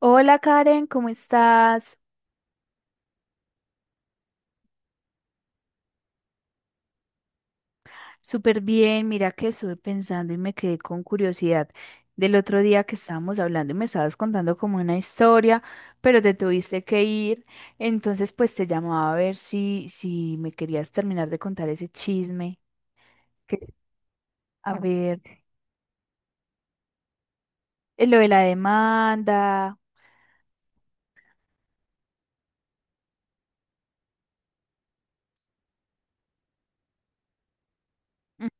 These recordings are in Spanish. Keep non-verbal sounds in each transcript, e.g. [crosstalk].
Hola Karen, ¿cómo estás? Súper bien, mira que estuve pensando y me quedé con curiosidad del otro día que estábamos hablando y me estabas contando como una historia, pero te tuviste que ir, entonces pues te llamaba a ver si me querías terminar de contar ese chisme, que, a ver, lo de la demanda.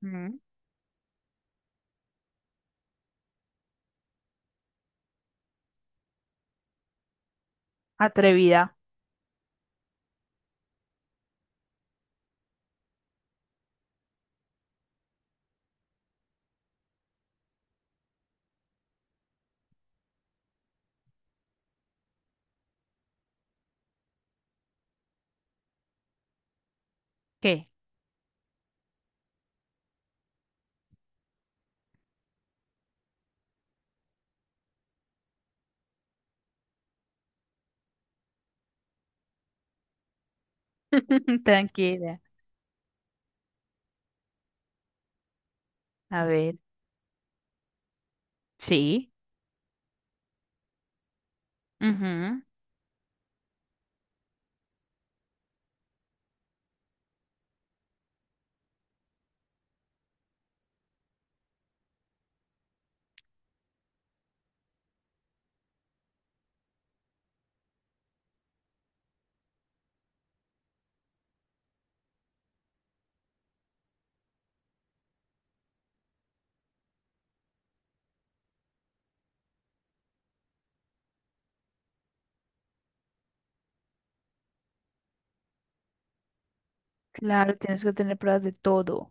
Ujú. Atrevida. ¿Qué? [laughs] Tranquila. A ver, sí. Ujú. Claro, tienes que tener pruebas de todo.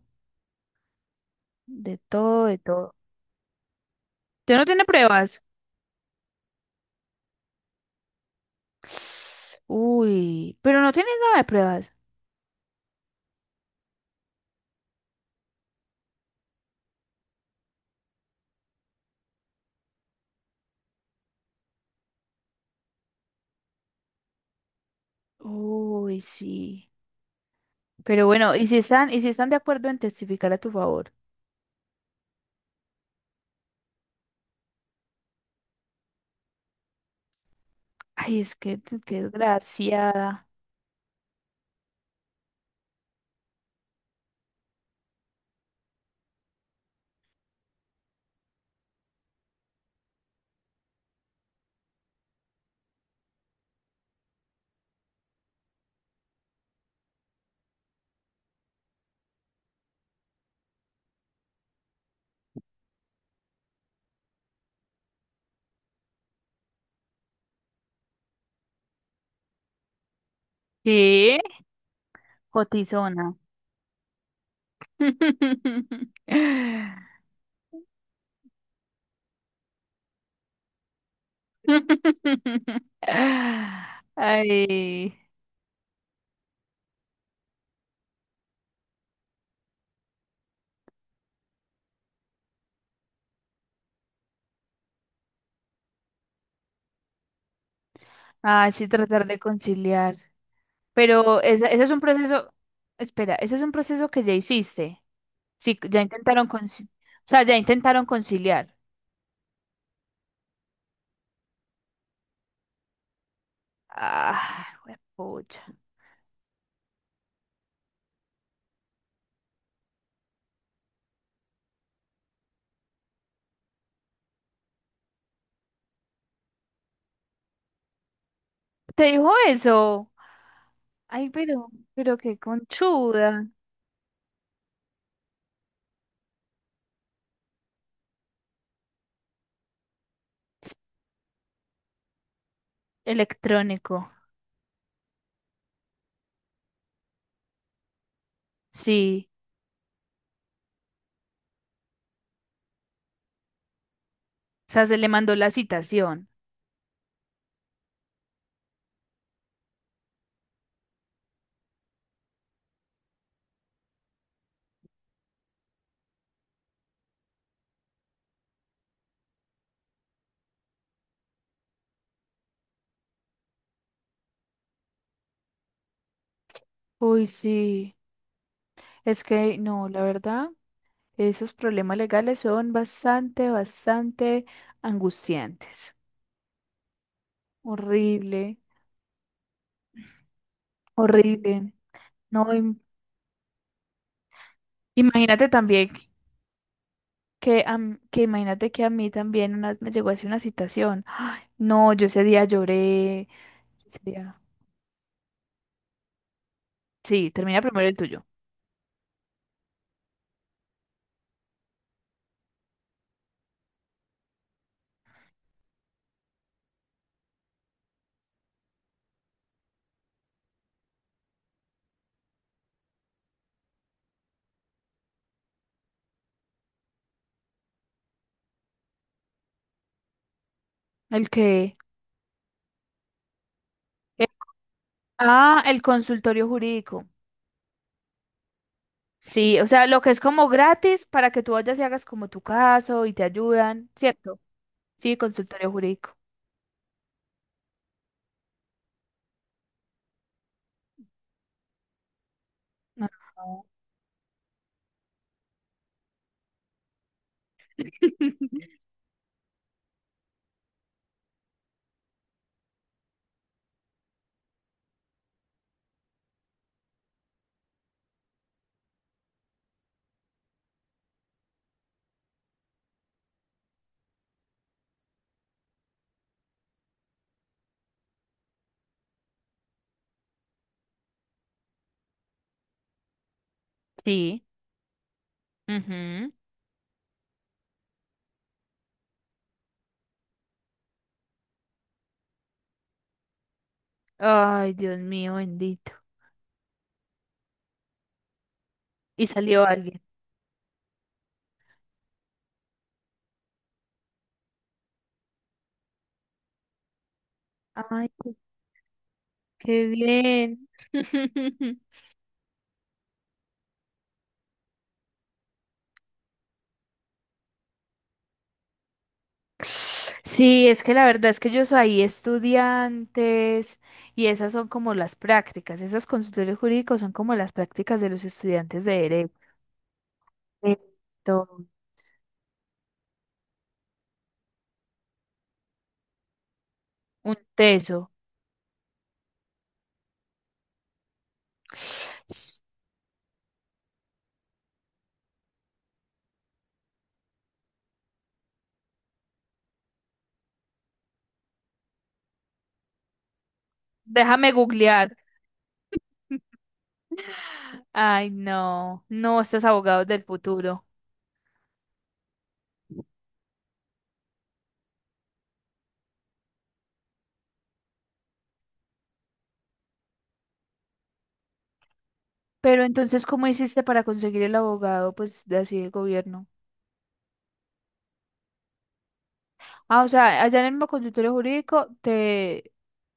De todo, de todo. ¿Usted no tiene pruebas? Uy, pero no tienes nada de pruebas. Uy, sí. Pero bueno, ¿y si están de acuerdo en testificar a tu favor? Ay, es que desgraciada. ¿Qué? Cotizona. [laughs] Ay, ay, sí, tratar de conciliar. Pero ese es un proceso, espera, ese es un proceso que ya hiciste. Sí, ya intentaron o sea, ya intentaron conciliar. Ah, pucha. ¿Te dijo eso? Ay, pero qué conchuda. Electrónico. Sí. O sea, se le mandó la citación. Uy, sí. Es que no, la verdad, esos problemas legales son bastante, bastante angustiantes. Horrible, horrible. No, im- Imagínate también que imagínate que a mí también una vez me llegó así una citación. Ay, no, yo ese día lloré. Ese día- Sí, termina primero el tuyo. El que... eh, ah, el consultorio jurídico. Sí, o sea, lo que es como gratis para que tú vayas y hagas como tu caso y te ayudan, ¿cierto? Sí, consultorio jurídico. Ajá. [laughs] Sí. Ujú. Ay, Dios mío, bendito. Y salió alguien. Ay, qué, qué bien. [laughs] Sí, es que la verdad es que ellos ahí estudiantes y esas son como las prácticas, esos consultorios jurídicos son como las prácticas de los estudiantes de derecho. Esto, un teso. S- Déjame googlear. [laughs] Ay, no, no, estos abogados del futuro. Pero entonces, ¿cómo hiciste para conseguir el abogado, pues, de así del gobierno? Ah, o sea, allá en el mismo consultorio jurídico te...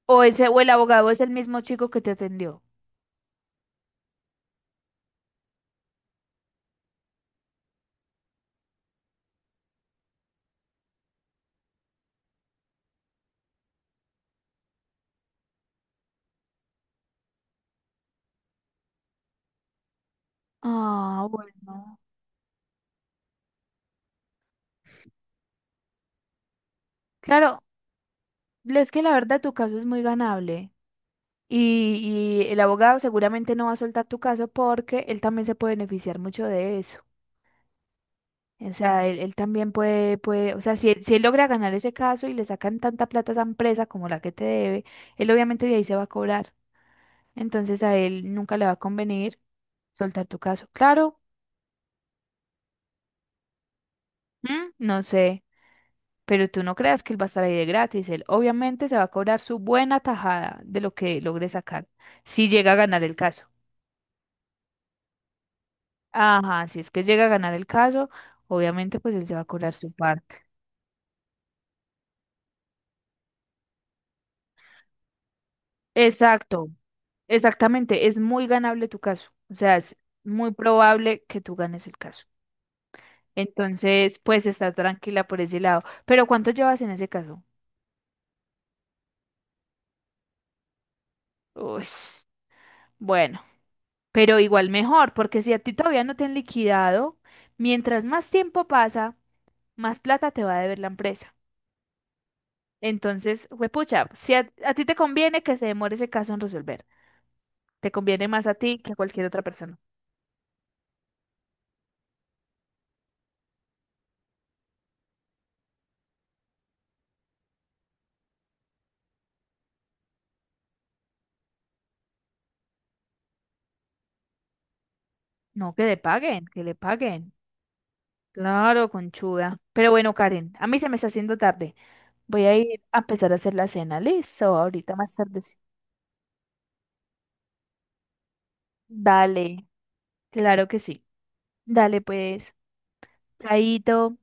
O ese, o el abogado es el mismo chico que te atendió. Ah, bueno. Claro, es que la verdad tu caso es muy ganable y el abogado seguramente no va a soltar tu caso porque él también se puede beneficiar mucho de eso. O sea, él también puede, o sea, si él logra ganar ese caso y le sacan tanta plata a esa empresa como la que te debe, él obviamente de ahí se va a cobrar. Entonces a él nunca le va a convenir soltar tu caso. Claro, ¿mm? No sé, pero tú no creas que él va a estar ahí de gratis. Él obviamente se va a cobrar su buena tajada de lo que logre sacar si llega a ganar el caso. Ajá, si es que llega a ganar el caso, obviamente pues él se va a cobrar su parte. Exacto, exactamente, es muy ganable tu caso, o sea, es muy probable que tú ganes el caso. Entonces, pues está tranquila por ese lado. Pero ¿cuánto llevas en ese caso? Uy, bueno, pero igual mejor, porque si a ti todavía no te han liquidado, mientras más tiempo pasa, más plata te va a deber la empresa. Entonces, huepucha, si a, a ti te conviene que se demore ese caso en resolver. Te conviene más a ti que a cualquier otra persona. No, que le paguen, que le paguen. Claro, conchuda. Pero bueno, Karen, a mí se me está haciendo tarde. Voy a ir a empezar a hacer la cena. Listo, ahorita más tarde. Sí. Dale, claro que sí. Dale, pues. Chaito.